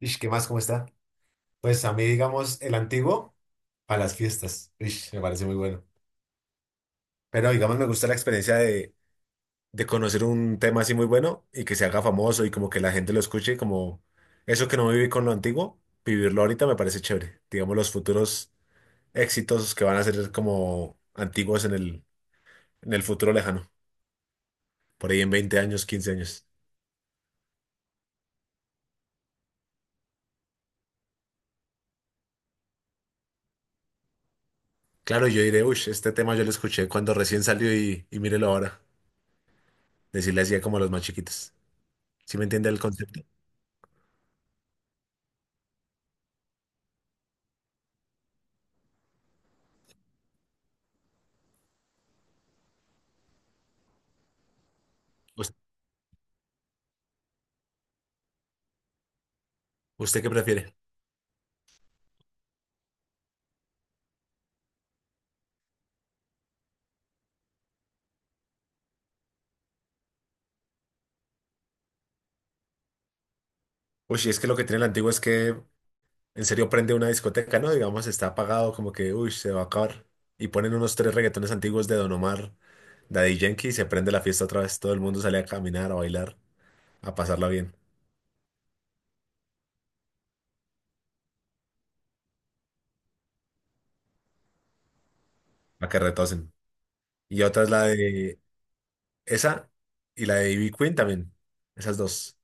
Ish, ¿qué más? ¿Cómo está? Pues a mí, digamos, el antiguo a las fiestas. Ish, me parece muy bueno. Pero digamos, me gusta la experiencia de conocer un tema así muy bueno y que se haga famoso y como que la gente lo escuche, como eso que no viví con lo antiguo, vivirlo ahorita me parece chévere. Digamos, los futuros éxitos que van a ser como antiguos en el futuro lejano, por ahí en 20 años, 15 años. Claro, yo diré, uy, este tema yo lo escuché cuando recién salió y mírelo ahora. Decirle así a como los más chiquitos. ¿Sí me entiende el concepto? ¿Us- ¿Usted qué prefiere? Uy, y es que lo que tiene el antiguo es que en serio prende una discoteca, ¿no? Digamos, está apagado, como que, uy, se va a acabar. Y ponen unos tres reggaetones antiguos de Don Omar, Daddy Yankee, y se prende la fiesta otra vez. Todo el mundo sale a caminar, a bailar, a pasarla bien, a que retosen. Y otra es la de esa y la de Ivy Queen también. Esas dos.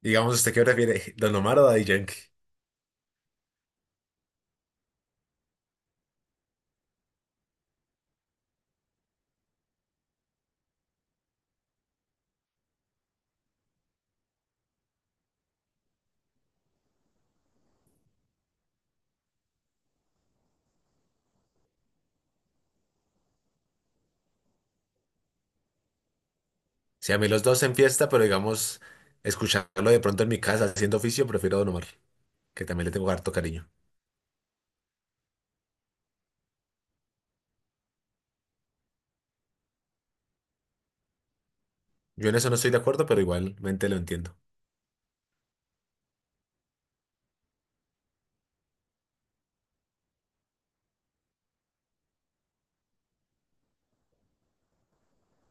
Digamos, ¿usted qué prefiere, Don Omar o Daddy Yankee? Si a mí los dos en fiesta, pero digamos, escucharlo de pronto en mi casa haciendo oficio, prefiero Don Omar, que también le tengo harto cariño. Yo en eso no estoy de acuerdo, pero igualmente lo entiendo.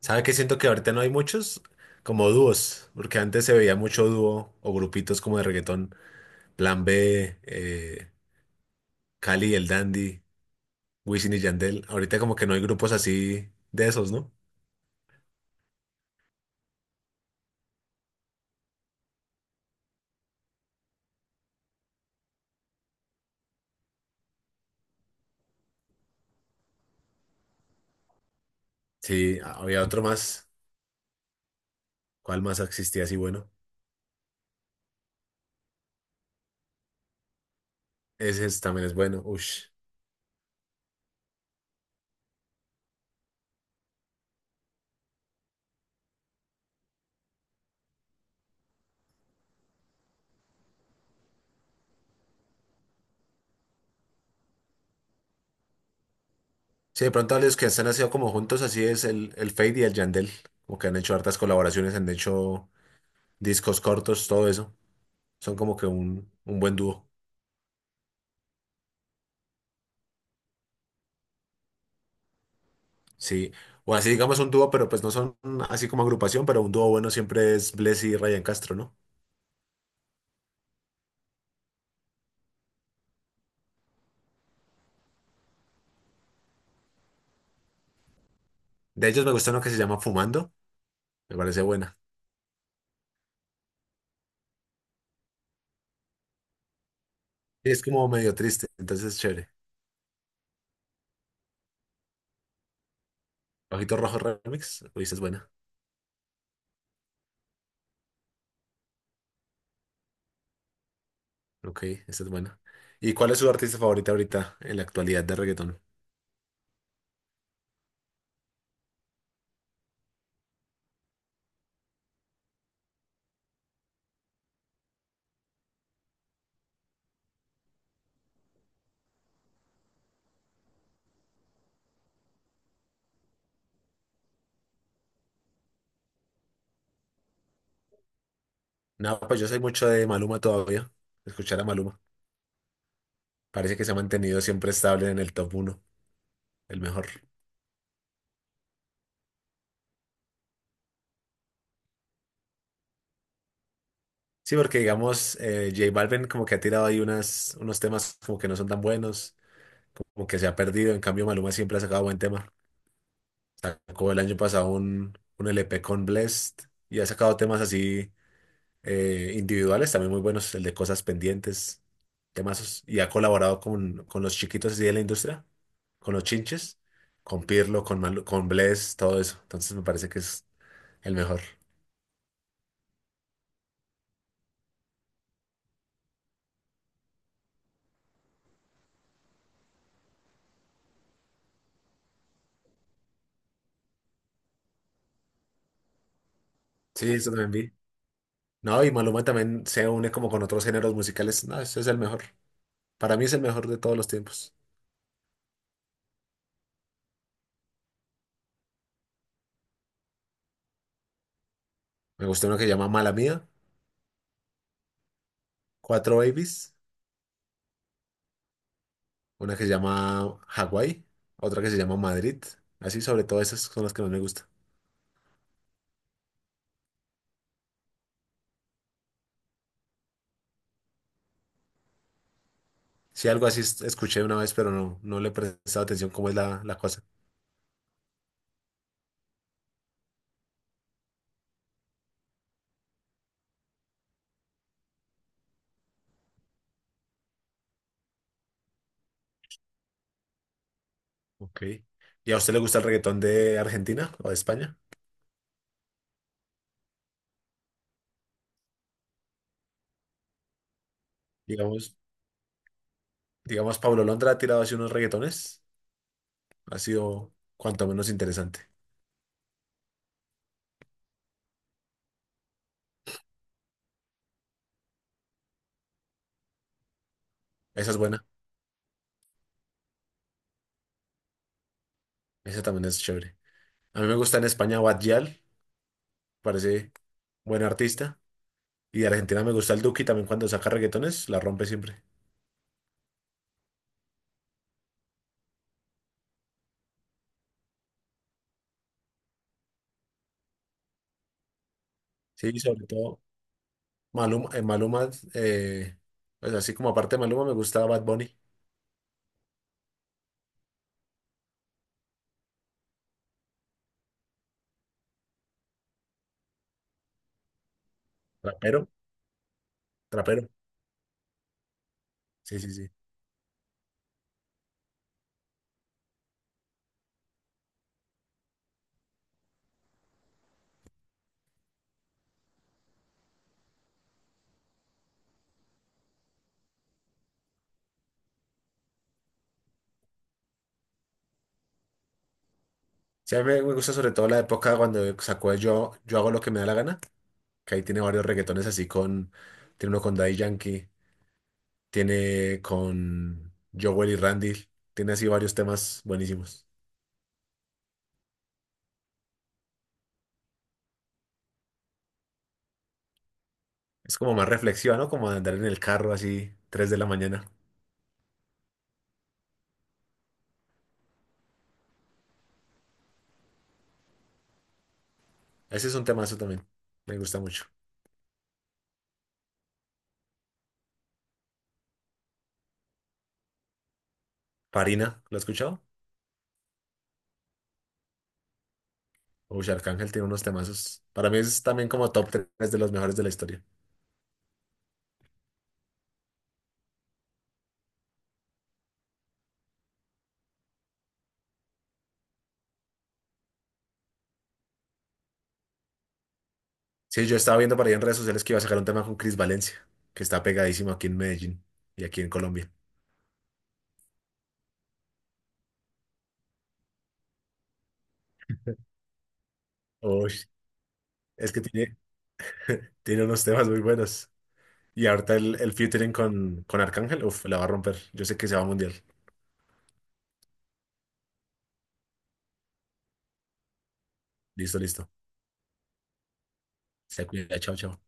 ¿Sabe qué siento que ahorita no hay muchos? Como dúos, porque antes se veía mucho dúo o grupitos como de reggaetón, Plan B, Cali y el Dandy, Wisin y Yandel. Ahorita como que no hay grupos así de esos, ¿no? Sí, había otro más. ¿Cuál más existía así bueno? Ese es- también es bueno. Ush. Sí, de pronto a los que están haciendo como juntos, así es el Fade y el Yandel. Como que han hecho hartas colaboraciones, han hecho discos cortos, todo eso. Son como que un buen dúo. Sí. O así digamos un dúo, pero pues no son así como agrupación, pero un dúo bueno siempre es Bless y Ryan Castro, ¿no? De ellos me gusta uno que se llama Fumando. Me parece buena. Y es como medio triste, entonces es chévere. Ojito Rojo Remix. Uy, esa es buena. Ok, esa es buena. ¿Y cuál es su artista favorita ahorita en la actualidad de reggaetón? No, pues yo soy mucho de Maluma todavía. Escuchar a Maluma. Parece que se ha mantenido siempre estable en el top uno, el mejor. Sí, porque digamos, J Balvin como que ha tirado ahí unos temas como que no son tan buenos, como que se ha perdido. En cambio, Maluma siempre ha sacado buen tema. Sacó el año pasado un LP con Blessed y ha sacado temas así individuales también muy buenos, el de Cosas Pendientes, temazos. Y ha colaborado con los chiquitos así de la industria, con los chinches, con Pirlo, con Blessed, todo eso. Entonces me parece que es el mejor. Sí, eso también vi. No, y Maluma también se une como con otros géneros musicales. No, ese es el mejor. Para mí es el mejor de todos los tiempos. Me gusta una que se llama Mala Mía, Cuatro Babies, una que se llama Hawái, otra que se llama Madrid. Así sobre todo esas son las que más me gustan. Sí, algo así es- escuché una vez, pero no, no le he prestado atención cómo es la cosa. Ok. ¿Y a usted le gusta el reggaetón de Argentina o de España? Digamos, digamos, Pablo Londra ha tirado así unos reggaetones. Ha sido cuanto menos interesante. Esa es buena. Esa también es chévere. A mí me gusta en España Bad Gyal, parece buen artista. Y de Argentina me gusta el Duki también cuando saca reggaetones, la rompe siempre. Sí, y sobre todo Maluma, pues así como aparte de Maluma me gusta Bad Bunny, trapero, trapero. Sí, sí, sí. Sí, a mí me gusta sobre todo la época cuando sacó el Yo hago lo que me da la gana, que ahí tiene varios reggaetones así con, tiene uno con Daddy Yankee, tiene con Jowell y Randy, tiene así varios temas buenísimos. Es como más reflexiva, ¿no? Como de andar en el carro así, 3 de la mañana. Ese es un temazo también. Me gusta mucho. Farina, ¿lo has escuchado? Uy, Arcángel tiene unos temazos. Para mí es también como top 3 de los mejores de la historia. Sí, yo estaba viendo por ahí en redes sociales que iba a sacar un tema con Chris Valencia, que está pegadísimo aquí en Medellín y aquí en Colombia. Uy, es que tiene, tiene unos temas muy buenos. Y ahorita el featuring con Arcángel, uf, la va a romper. Yo sé que se va a mundial. Listo, listo. Se cuida, chao, chao.